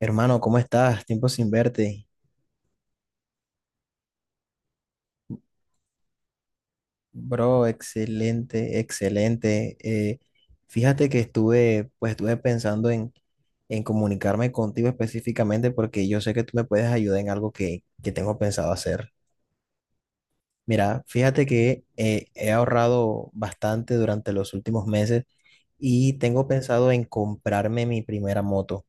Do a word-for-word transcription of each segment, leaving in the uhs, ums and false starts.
Hermano, ¿cómo estás? Tiempo sin verte. Bro, excelente, excelente. Eh, fíjate que estuve, pues estuve pensando en, en comunicarme contigo específicamente porque yo sé que tú me puedes ayudar en algo que, que tengo pensado hacer. Mira, fíjate que eh, he ahorrado bastante durante los últimos meses y tengo pensado en comprarme mi primera moto.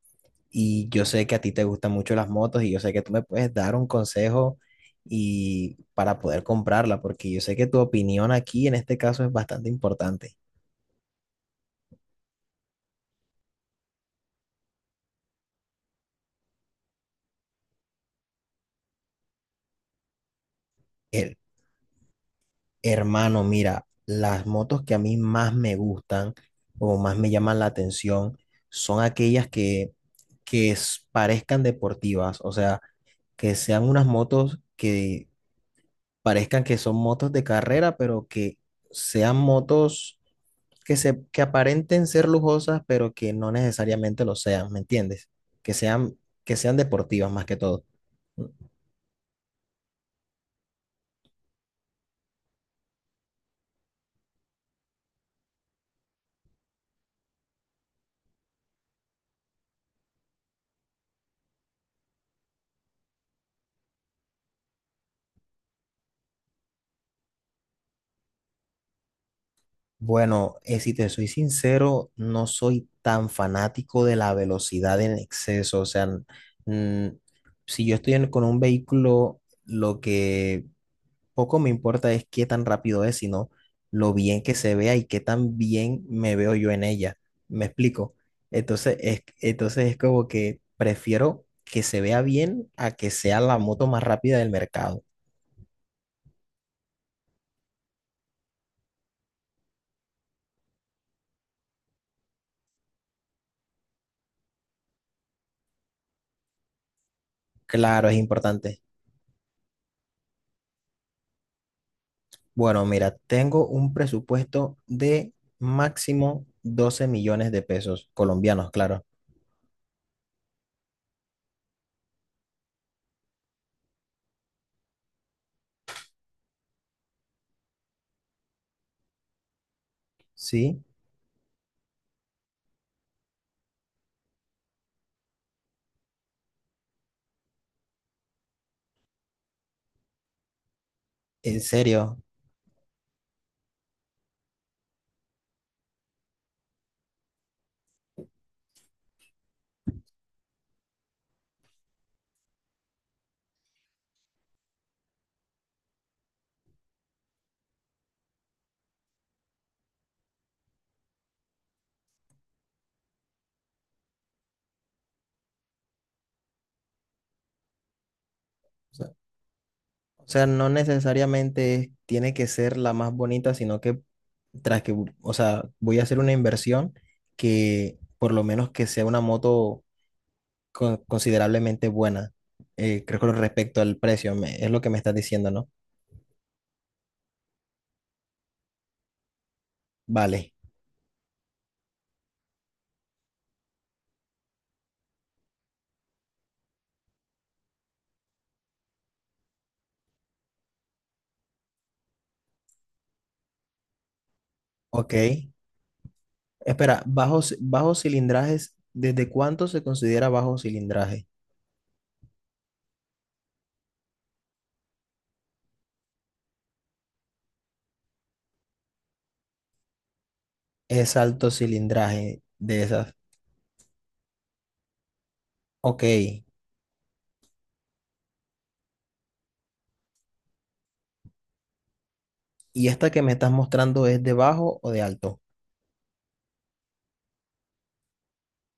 Y yo sé que a ti te gustan mucho las motos y yo sé que tú me puedes dar un consejo y para poder comprarla, porque yo sé que tu opinión aquí en este caso es bastante importante. El, hermano, mira, las motos que a mí más me gustan o más me llaman la atención son aquellas que, que s- parezcan deportivas, o sea, que sean unas motos que parezcan que son motos de carrera, pero que sean motos que se, que aparenten ser lujosas, pero que no necesariamente lo sean, ¿me entiendes? Que sean, que sean deportivas más que todo. Bueno, eh, si te soy sincero, no soy tan fanático de la velocidad en exceso. O sea, n- mm, si yo estoy en- con un vehículo, lo que poco me importa es qué tan rápido es, sino lo bien que se vea y qué tan bien me veo yo en ella. ¿Me explico? Entonces es, entonces es como que prefiero que se vea bien a que sea la moto más rápida del mercado. Claro, es importante. Bueno, mira, tengo un presupuesto de máximo doce millones de pesos colombianos, claro. Sí. En serio. O sea, o sea, no necesariamente tiene que ser la más bonita, sino que tras que, o sea, voy a hacer una inversión que por lo menos que sea una moto con- considerablemente buena. Eh, creo que con respecto al precio, me- es lo que me estás diciendo, ¿no? Vale. Ok. Espera, bajos, bajos cilindrajes, ¿desde cuánto se considera bajo cilindraje? Es alto cilindraje de esas. Ok. ¿Y esta que me estás mostrando es de bajo o de alto?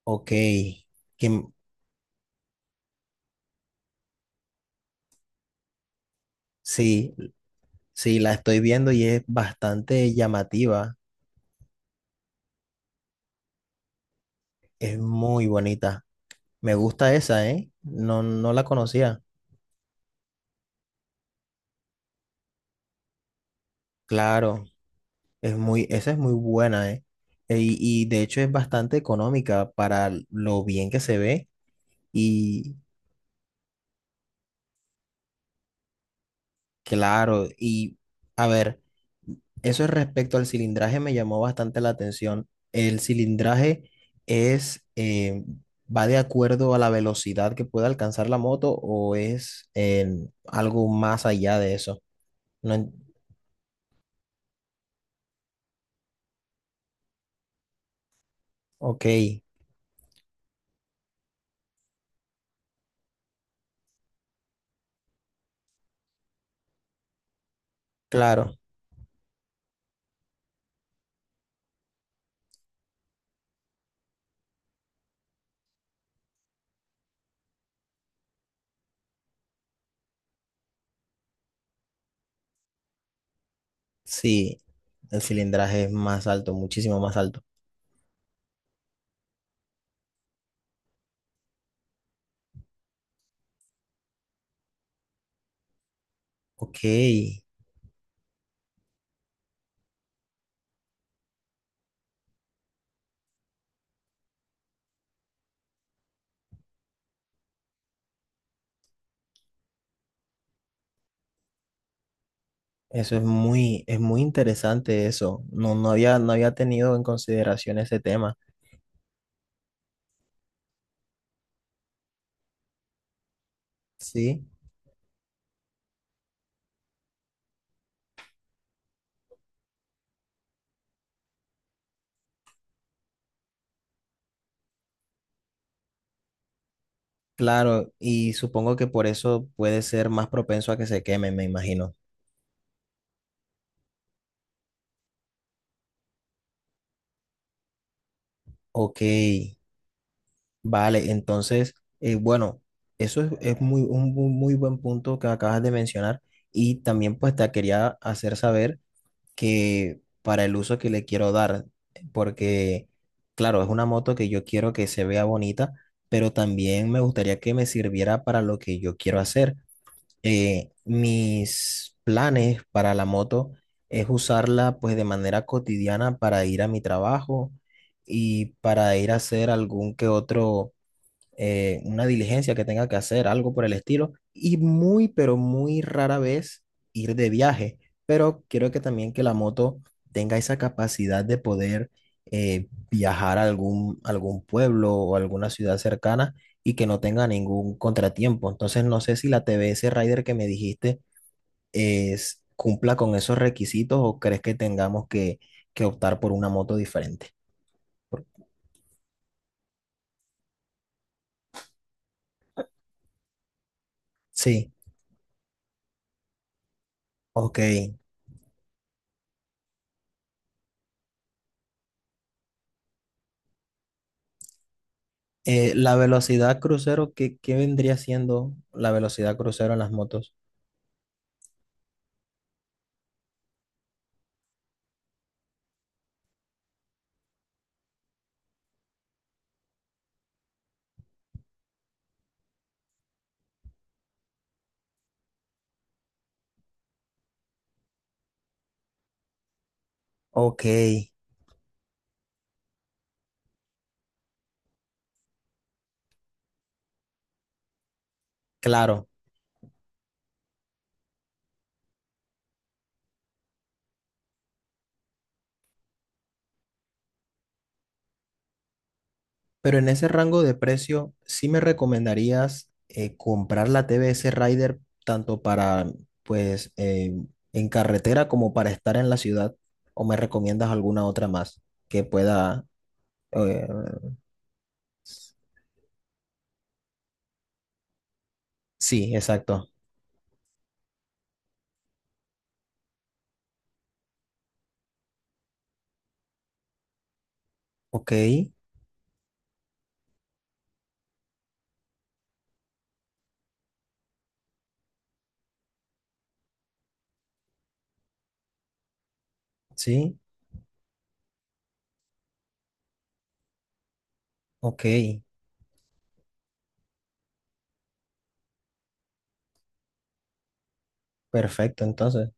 Ok, que sí, sí, la estoy viendo y es bastante llamativa, es muy bonita. Me gusta esa, ¿eh? No, no la conocía. Claro, es muy, esa es muy buena, ¿eh? E- Y, y de hecho es bastante económica para lo bien que se ve y claro, y a ver. Eso es respecto al cilindraje me llamó bastante la atención. El cilindraje es, eh, va de acuerdo a la velocidad que puede alcanzar la moto o es en algo más allá de eso. No, en- ok, claro, sí, el cilindraje es más alto, muchísimo más alto. Ok, eso es muy, es muy interesante eso. No, no había, no había tenido en consideración ese tema. Sí. Claro, y supongo que por eso puede ser más propenso a que se quemen, me imagino. Ok, vale, entonces, eh, bueno, eso es, es muy, un bu- muy buen punto que acabas de mencionar y también pues te quería hacer saber que para el uso que le quiero dar, porque claro, es una moto que yo quiero que se vea bonita, pero también me gustaría que me sirviera para lo que yo quiero hacer. Eh, mis planes para la moto es usarla pues de manera cotidiana para ir a mi trabajo y para ir a hacer algún que otro eh, una diligencia que tenga que hacer, algo por el estilo, y muy, pero muy rara vez ir de viaje. Pero quiero que también que la moto tenga esa capacidad de poder eh, viajar a algún, algún pueblo o alguna ciudad cercana y que no tenga ningún contratiempo. Entonces, no sé si la T B S Rider que me dijiste es, cumpla con esos requisitos o crees que tengamos que, que optar por una moto diferente. Sí, ok. Eh, la velocidad crucero, ¿qué, qué vendría siendo la velocidad crucero en las motos? Ok, claro. Pero en ese rango de precio, ¿sí me recomendarías eh, comprar la T B S Rider tanto para, pues, eh, en carretera como para estar en la ciudad? ¿O me recomiendas alguna otra más que pueda... eh, sí, exacto. Ok, sí, ok, perfecto. Entonces,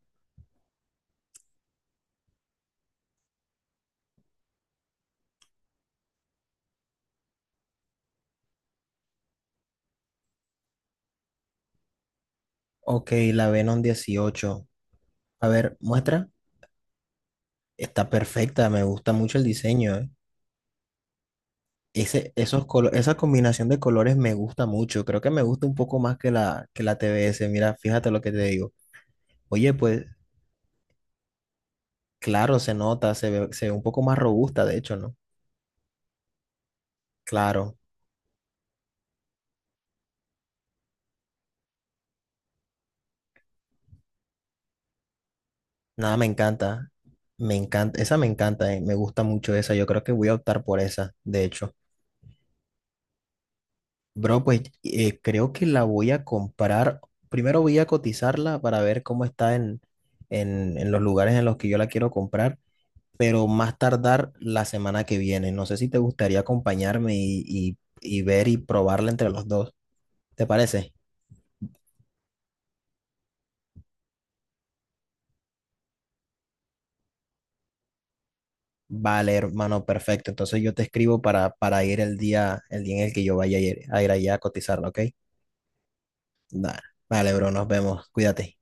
ok, la Venom dieciocho. A ver, muestra. Está perfecta, me gusta mucho el diseño. eh. Ese, esos colo- esa combinación de colores me gusta mucho. Creo que me gusta un poco más que la, que la T TBS. Mira, fíjate lo que te digo. Oye, pues claro, se nota, se ve, se ve un poco más robusta, de hecho, ¿no? Claro, nada, me encanta. Me encanta, esa me encanta, eh, Me gusta mucho esa. Yo creo que voy a optar por esa, de hecho. Bro, pues eh, creo que la voy a comprar. Primero voy a cotizarla para ver cómo está en, en en los lugares en los que yo la quiero comprar. Pero más tardar la semana que viene. No sé si te gustaría acompañarme y, y- y ver y probarla entre los dos. ¿Te parece? Vale, hermano, perfecto. Entonces yo te escribo para, para ir el día, el día en el que yo vaya a ir, a ir allá a cotizarla, ¿ok? Nah, Vale, bro, nos vemos. Cuídate.